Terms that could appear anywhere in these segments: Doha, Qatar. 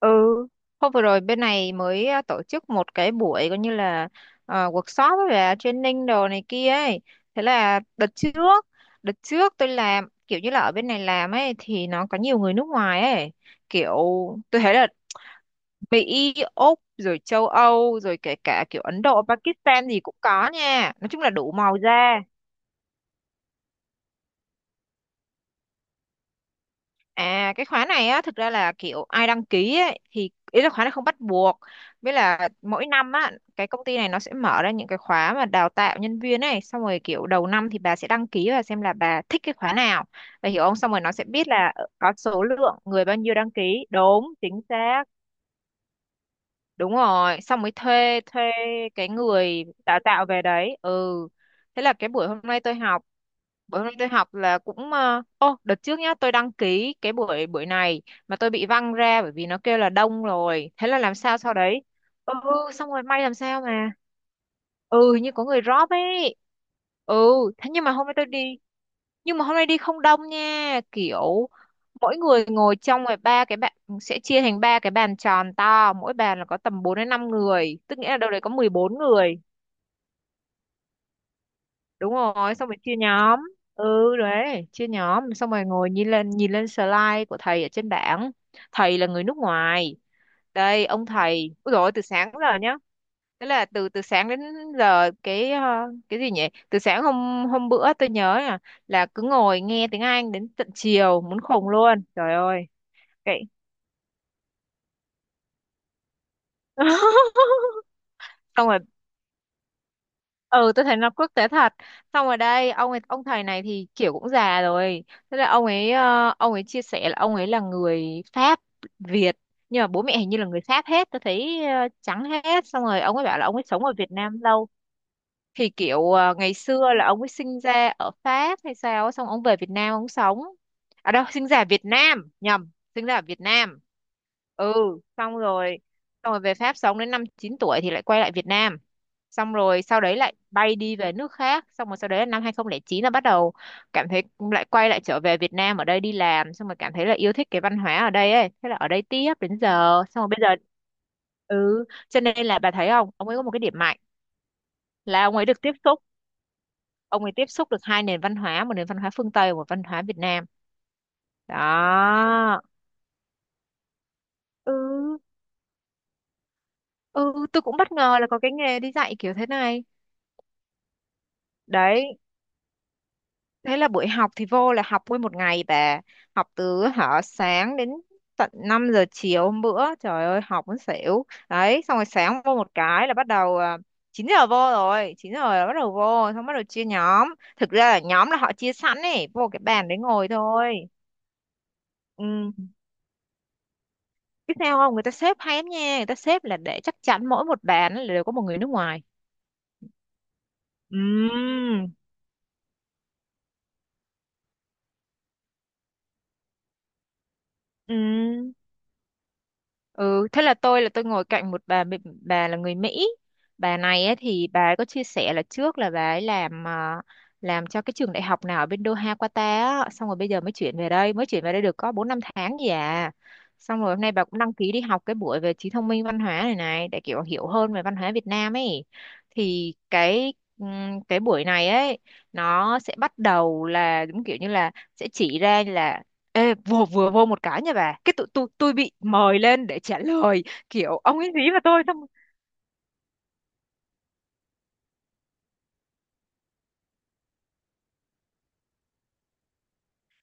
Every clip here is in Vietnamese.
Ừ, hôm vừa rồi bên này mới tổ chức một cái buổi coi như là workshop với là training đồ này kia ấy. Thế là đợt trước tôi làm kiểu như là ở bên này làm ấy thì nó có nhiều người nước ngoài ấy. Kiểu tôi thấy là Mỹ, Úc rồi châu Âu rồi kể cả kiểu Ấn Độ, Pakistan gì cũng có nha. Nói chung là đủ màu da. À, cái khóa này á thực ra là kiểu ai đăng ký ấy, thì ý là khóa này không bắt buộc, với là mỗi năm á cái công ty này nó sẽ mở ra những cái khóa mà đào tạo nhân viên ấy, xong rồi kiểu đầu năm thì bà sẽ đăng ký và xem là bà thích cái khóa nào, bà hiểu không, xong rồi nó sẽ biết là có số lượng người bao nhiêu đăng ký đúng chính xác. Đúng rồi, xong mới thuê thuê cái người đào tạo về đấy. Ừ, thế là cái buổi hôm nay tôi học, bữa nay tôi học là cũng ô, đợt trước nhá tôi đăng ký cái buổi buổi này mà tôi bị văng ra bởi vì nó kêu là đông rồi, thế là làm sao sau đấy. Ừ, xong rồi may làm sao mà, ừ, hình như có người drop ấy. Ừ, thế nhưng mà hôm nay tôi đi, nhưng mà hôm nay đi không đông nha, kiểu mỗi người ngồi trong ngoài ba cái bạn, sẽ chia thành ba cái bàn tròn to, mỗi bàn là có tầm 4 đến 5 người, tức nghĩa là đâu đấy có 14 người. Đúng rồi, xong rồi chia nhóm. Ừ đấy, chia nhóm xong rồi ngồi nhìn lên, nhìn lên slide của thầy ở trên bảng. Thầy là người nước ngoài. Đây ông thầy, ôi rồi từ sáng đến giờ nhá. Thế là từ từ sáng đến giờ cái cái gì nhỉ, từ sáng hôm hôm bữa tôi nhớ là cứ ngồi nghe tiếng Anh đến tận chiều muốn khùng luôn, trời ơi. Cái xong rồi, ừ tôi thấy nó quốc tế thật. Xong rồi đây ông thầy này thì kiểu cũng già rồi. Thế là ông ấy chia sẻ là ông ấy là người Pháp Việt, nhưng mà bố mẹ hình như là người Pháp hết tôi thấy, trắng hết. Xong rồi ông ấy bảo là ông ấy sống ở Việt Nam lâu, thì kiểu ngày xưa là ông ấy sinh ra ở Pháp hay sao á, xong ông về Việt Nam ông sống. À đâu, sinh ra ở Việt Nam, nhầm. Sinh ra ở Việt Nam. Ừ, xong rồi xong rồi về Pháp sống đến năm 9 tuổi thì lại quay lại Việt Nam. Xong rồi sau đấy lại bay đi về nước khác, xong rồi sau đấy là năm 2009 là bắt đầu cảm thấy, lại quay lại trở về Việt Nam, ở đây đi làm xong rồi cảm thấy là yêu thích cái văn hóa ở đây ấy, thế là ở đây tiếp đến giờ xong rồi bây giờ. Ừ, cho nên là bà thấy không, ông ấy có một cái điểm mạnh là ông ấy được tiếp xúc, ông ấy tiếp xúc được hai nền văn hóa, một nền văn hóa phương Tây và một văn hóa Việt Nam. Đó. Ừ, ừ, tôi cũng bất ngờ là có cái nghề đi dạy kiểu thế này. Đấy, thế là buổi học thì vô là học nguyên một ngày bà, học từ hả sáng đến tận 5 giờ chiều hôm bữa, trời ơi học muốn xỉu đấy. Xong rồi sáng vô một cái là bắt đầu 9 giờ vô, rồi 9 giờ là bắt đầu vô, xong bắt đầu chia nhóm. Thực ra là nhóm là họ chia sẵn ấy, vô cái bàn đấy ngồi thôi. Ừ, biết sao không, người ta xếp hay lắm nha, người ta xếp là để chắc chắn mỗi một bàn là đều có một người nước ngoài. Ừm, ừ. Ừ, thế là tôi ngồi cạnh một bà Mỹ- bà là người Mỹ. Bà này ấy, thì bà ấy có chia sẻ là trước là bà ấy làm làm cho cái trường đại học nào ở bên Doha Qatar á, xong rồi bây giờ mới chuyển về đây, mới chuyển về đây được có 4 5 tháng gì à. Xong rồi hôm nay bà cũng đăng ký đi học cái buổi về trí thông minh văn hóa này này để kiểu hiểu hơn về văn hóa Việt Nam ấy. Thì cái buổi này ấy nó sẽ bắt đầu là đúng kiểu như là sẽ chỉ ra là. Ê, vừa vừa vô một cái nha bà, cái tụi tôi bị mời lên để trả lời, kiểu ông ấy gì mà tôi xong,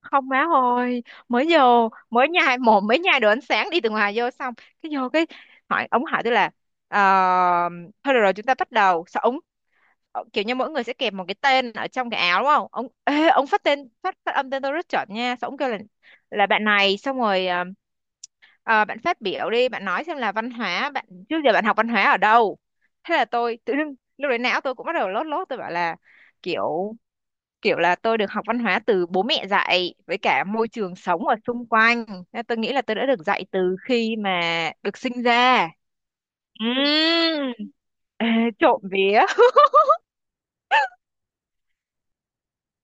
không má ơi. Mới vô mới nhai mồm mới nhai đồ, ánh sáng đi từ ngoài vô, xong cái vô hỏi, ông hỏi tôi là ờ, thôi được rồi chúng ta bắt đầu sao ông. Ờ, kiểu như mỗi người sẽ kẹp một cái tên ở trong cái áo đúng không ông, ê, ông phát tên, phát phát âm tên tôi rất chuẩn nha, xong ông kêu là bạn này, xong rồi bạn phát biểu đi, bạn nói xem là văn hóa bạn trước giờ bạn học văn hóa ở đâu. Thế là tôi tự dưng lúc đấy não tôi cũng bắt đầu lót lót, tôi bảo là kiểu, là tôi được học văn hóa từ bố mẹ dạy với cả môi trường sống ở xung quanh. Nên tôi nghĩ là tôi đã được dạy từ khi mà được sinh ra. Ừm, ê, trộm vía.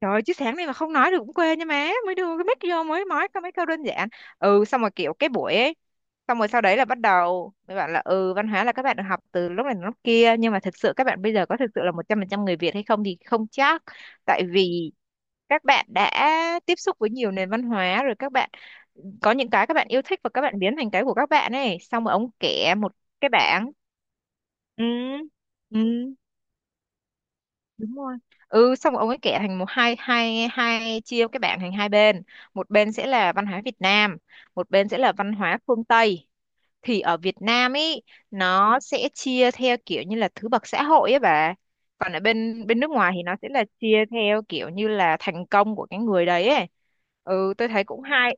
Trời ơi, chứ sáng nay mà không nói được cũng quê nha má. Mới đưa cái mic vô mới nói có mấy câu đơn giản. Ừ, xong rồi kiểu cái buổi ấy. Xong rồi sau đấy là bắt đầu, mới bảo là ừ văn hóa là các bạn được học từ lúc này đến lúc kia, nhưng mà thực sự các bạn bây giờ có thực sự là 100% người Việt hay không thì không chắc. Tại vì các bạn đã tiếp xúc với nhiều nền văn hóa, rồi các bạn có những cái các bạn yêu thích, và các bạn biến thành cái của các bạn ấy. Xong rồi ông kể một cái bảng. Ừ, ừ, đúng rồi, ừ, xong ông ấy kẻ thành một hai hai hai, chia cái bảng thành hai bên, một bên sẽ là văn hóa Việt Nam, một bên sẽ là văn hóa phương Tây. Thì ở Việt Nam ấy nó sẽ chia theo kiểu như là thứ bậc xã hội ấy bà, còn ở bên bên nước ngoài thì nó sẽ là chia theo kiểu như là thành công của cái người đấy ấy. Ừ, tôi thấy cũng hay.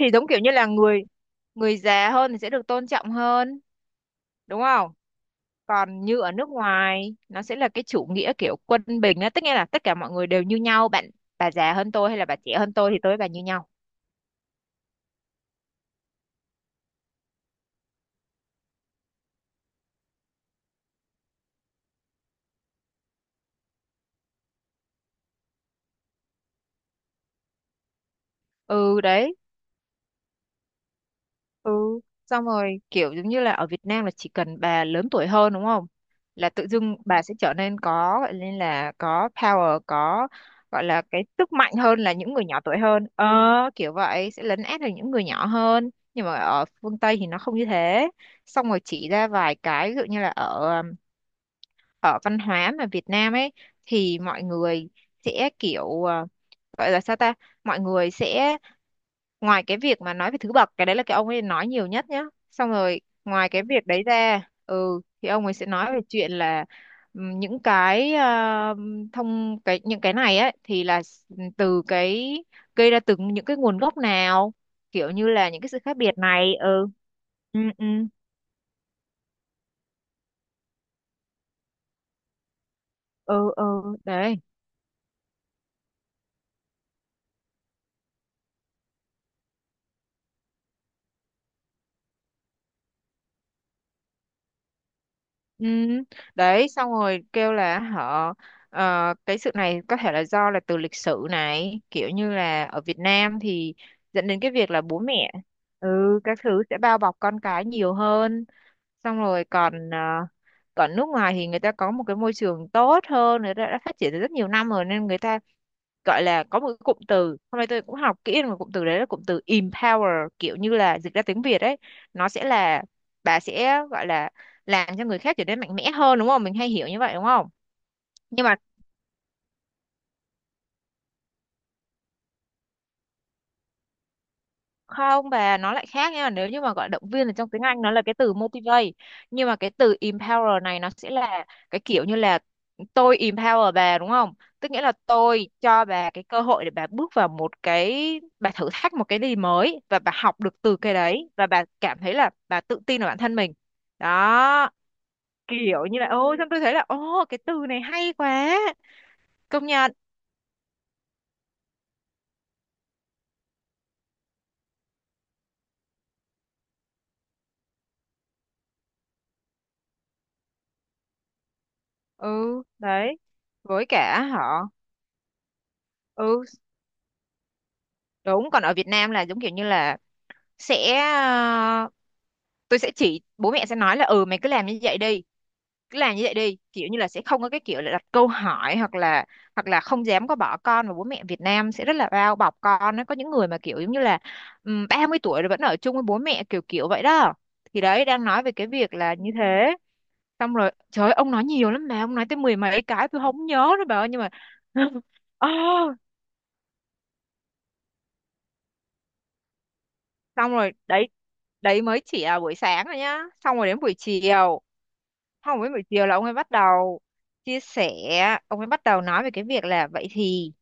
Thì giống kiểu như là người người già hơn thì sẽ được tôn trọng hơn đúng không, còn như ở nước ngoài nó sẽ là cái chủ nghĩa kiểu quân bình á, tức nghĩa là tất cả mọi người đều như nhau bạn. Bà già hơn tôi hay là bà trẻ hơn tôi thì tôi với bà như nhau. Ừ đấy. Ừ, xong rồi kiểu giống như là ở Việt Nam là chỉ cần bà lớn tuổi hơn đúng không, là tự dưng bà sẽ trở nên có, gọi nên là có power, có gọi là cái sức mạnh hơn là những người nhỏ tuổi hơn. Ờ, kiểu vậy sẽ lấn át được những người nhỏ hơn, nhưng mà ở phương Tây thì nó không như thế. Xong rồi chỉ ra vài cái ví dụ như là ở ở văn hóa mà Việt Nam ấy thì mọi người sẽ kiểu, gọi là sao ta, mọi người sẽ ngoài cái việc mà nói về thứ bậc, cái đấy là cái ông ấy nói nhiều nhất nhá, xong rồi ngoài cái việc đấy ra, ừ thì ông ấy sẽ nói về chuyện là những cái thông, cái những cái này ấy thì là ừ, từ cái gây ra, từ những cái nguồn gốc nào, kiểu như là những cái sự khác biệt này. Ừ, ừ, ừ, ừ, ừ đấy. Ừ đấy, xong rồi kêu là họ cái sự này có thể là do là từ lịch sử này, kiểu như là ở Việt Nam thì dẫn đến cái việc là bố mẹ ừ các thứ sẽ bao bọc con cái nhiều hơn, xong rồi còn còn nước ngoài thì người ta có một cái môi trường tốt hơn, người ta đã phát triển từ rất nhiều năm rồi nên người ta gọi là có một cái cụm từ, hôm nay tôi cũng học kỹ được một cụm từ đấy là cụm từ empower, kiểu như là dịch ra tiếng Việt ấy, nó sẽ là bà sẽ gọi là làm cho người khác trở nên mạnh mẽ hơn, đúng không? Mình hay hiểu như vậy đúng không? Nhưng mà không, bà, nó lại khác nha. Nếu như mà gọi động viên thì trong tiếng Anh nó là cái từ motivate. Nhưng mà cái từ empower này nó sẽ là cái kiểu như là tôi empower bà, đúng không? Tức nghĩa là tôi cho bà cái cơ hội để bà bước vào một cái, bà thử thách một cái gì mới, và bà học được từ cái đấy và bà cảm thấy là bà tự tin vào bản thân mình. Đó, kiểu như là ôi, xong tôi thấy là ô, cái từ này hay quá. Công nhận. Ừ, đấy, với cả họ. Ừ, đúng. Còn ở Việt Nam là giống kiểu như là sẽ tôi sẽ chỉ, bố mẹ sẽ nói là ừ mày cứ làm như vậy đi. Cứ làm như vậy đi, kiểu như là sẽ không có cái kiểu là đặt câu hỏi, hoặc là không dám có bỏ con. Và bố mẹ Việt Nam sẽ rất là bao bọc con, nó có những người mà kiểu giống như là 30 tuổi rồi vẫn ở chung với bố mẹ, kiểu kiểu vậy đó. Thì đấy đang nói về cái việc là như thế. Xong rồi trời ơi, ông nói nhiều lắm mà, ông nói tới mười mấy cái tôi không nhớ nữa bà ơi, nhưng mà ờ, xong rồi đấy. Đấy mới chỉ là buổi sáng rồi nhá. Xong rồi đến buổi chiều. Không, với buổi chiều là ông ấy bắt đầu chia sẻ. Ông ấy bắt đầu nói về cái việc là vậy thì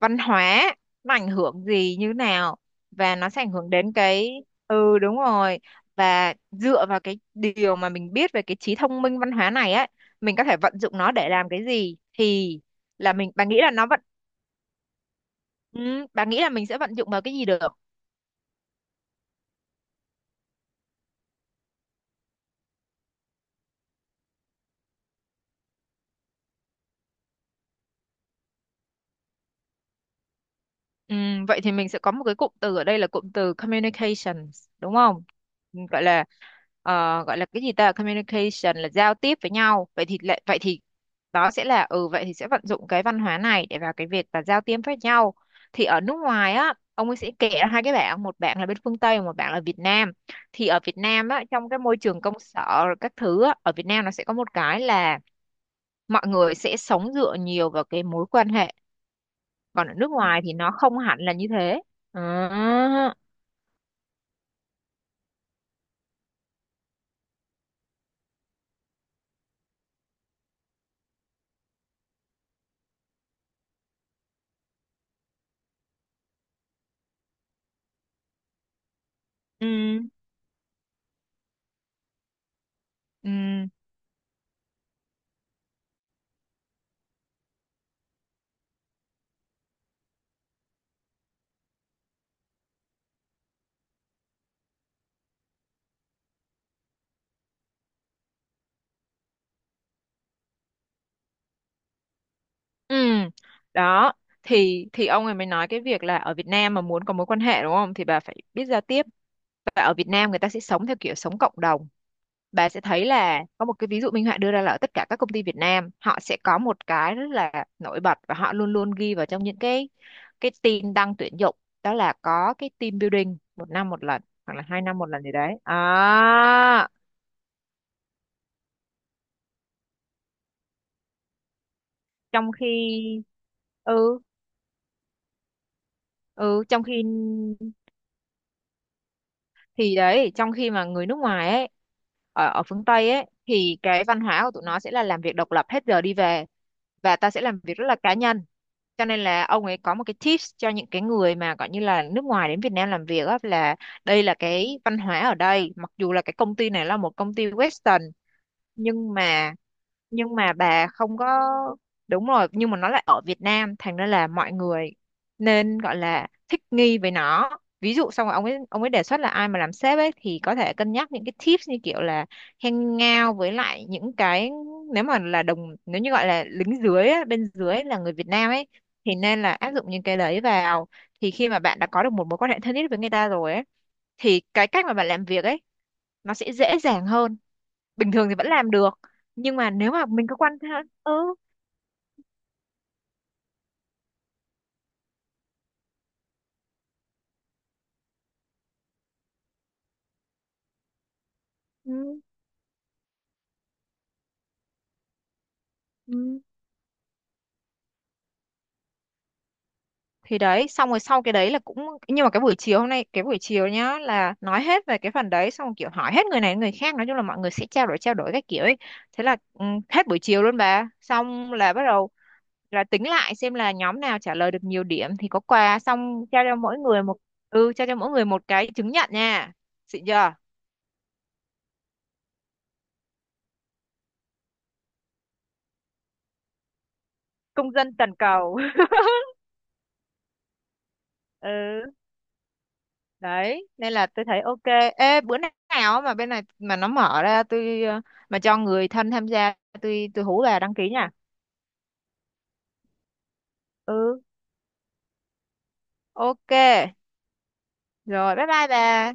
văn hóa nó ảnh hưởng gì như nào, và nó sẽ ảnh hưởng đến cái, ừ đúng rồi. Và dựa vào cái điều mà mình biết về cái trí thông minh văn hóa này á, mình có thể vận dụng nó để làm cái gì, thì là mình, bà nghĩ là nó vận, ừ, bà nghĩ là mình sẽ vận dụng vào cái gì được? Ừ, vậy thì mình sẽ có một cái cụm từ ở đây là cụm từ communications đúng không? Ừ, gọi là ờ, gọi là cái gì ta, communication là giao tiếp với nhau. Vậy thì lại, vậy thì đó sẽ là, ừ vậy thì sẽ vận dụng cái văn hóa này để vào cái việc là giao tiếp với nhau. Thì ở nước ngoài á, ông ấy sẽ kể ra hai cái bảng, một bảng là bên phương Tây và một bảng là Việt Nam. Thì ở Việt Nam á, trong cái môi trường công sở rồi các thứ á, ở Việt Nam nó sẽ có một cái là mọi người sẽ sống dựa nhiều vào cái mối quan hệ, còn ở nước ngoài thì nó không hẳn là như thế. À, ừ, ừ, ừ. Đó. Thì ông ấy mới nói cái việc là ở Việt Nam mà muốn có mối quan hệ đúng không thì bà phải biết giao tiếp. Và ở Việt Nam người ta sẽ sống theo kiểu sống cộng đồng. Bà sẽ thấy là có một cái ví dụ minh họa đưa ra là ở tất cả các công ty Việt Nam họ sẽ có một cái rất là nổi bật, và họ luôn luôn ghi vào trong những cái tin đăng tuyển dụng. Đó là có cái team building một năm một lần hoặc là 2 năm một lần gì đấy à. Trong khi ừ ừ trong khi thì đấy, trong khi mà người nước ngoài ấy, ở ở phương Tây ấy thì cái văn hóa của tụi nó sẽ là làm việc độc lập hết giờ đi về, và ta sẽ làm việc rất là cá nhân. Cho nên là ông ấy có một cái tips cho những cái người mà gọi như là nước ngoài đến Việt Nam làm việc á, là đây là cái văn hóa ở đây, mặc dù là cái công ty này là một công ty Western, nhưng mà nhưng mà bà không có, đúng rồi, nhưng mà nó lại ở Việt Nam thành ra là mọi người nên gọi là thích nghi với nó. Ví dụ xong rồi ông ấy đề xuất là ai mà làm sếp ấy thì có thể cân nhắc những cái tips như kiểu là hangout với lại những cái, nếu mà là đồng, nếu như gọi là lính dưới á, bên dưới là người Việt Nam ấy, thì nên là áp dụng những cái đấy vào, thì khi mà bạn đã có được một mối quan hệ thân thiết với người ta rồi ấy thì cái cách mà bạn làm việc ấy nó sẽ dễ dàng hơn. Bình thường thì vẫn làm được, nhưng mà nếu mà mình có quan hệ, ừ, ừ, ừ. Thì đấy, xong rồi sau cái đấy là cũng, nhưng mà cái buổi chiều hôm nay, cái buổi chiều nhá, là nói hết về cái phần đấy, xong rồi kiểu hỏi hết người này người khác, nói chung là mọi người sẽ trao đổi các kiểu ấy. Thế là ừ, hết buổi chiều luôn bà, xong là bắt đầu là tính lại xem là nhóm nào trả lời được nhiều điểm thì có quà, xong trao cho mỗi người một, ừ, trao cho mỗi người một cái chứng nhận nha. Xịn chưa? Công dân toàn cầu. Ừ, đấy nên là tôi thấy ok. Ê, bữa nào mà bên này mà nó mở ra tôi mà cho người thân tham gia, tôi hú bà đăng ký nha. Ừ ok, rồi bye bye bà.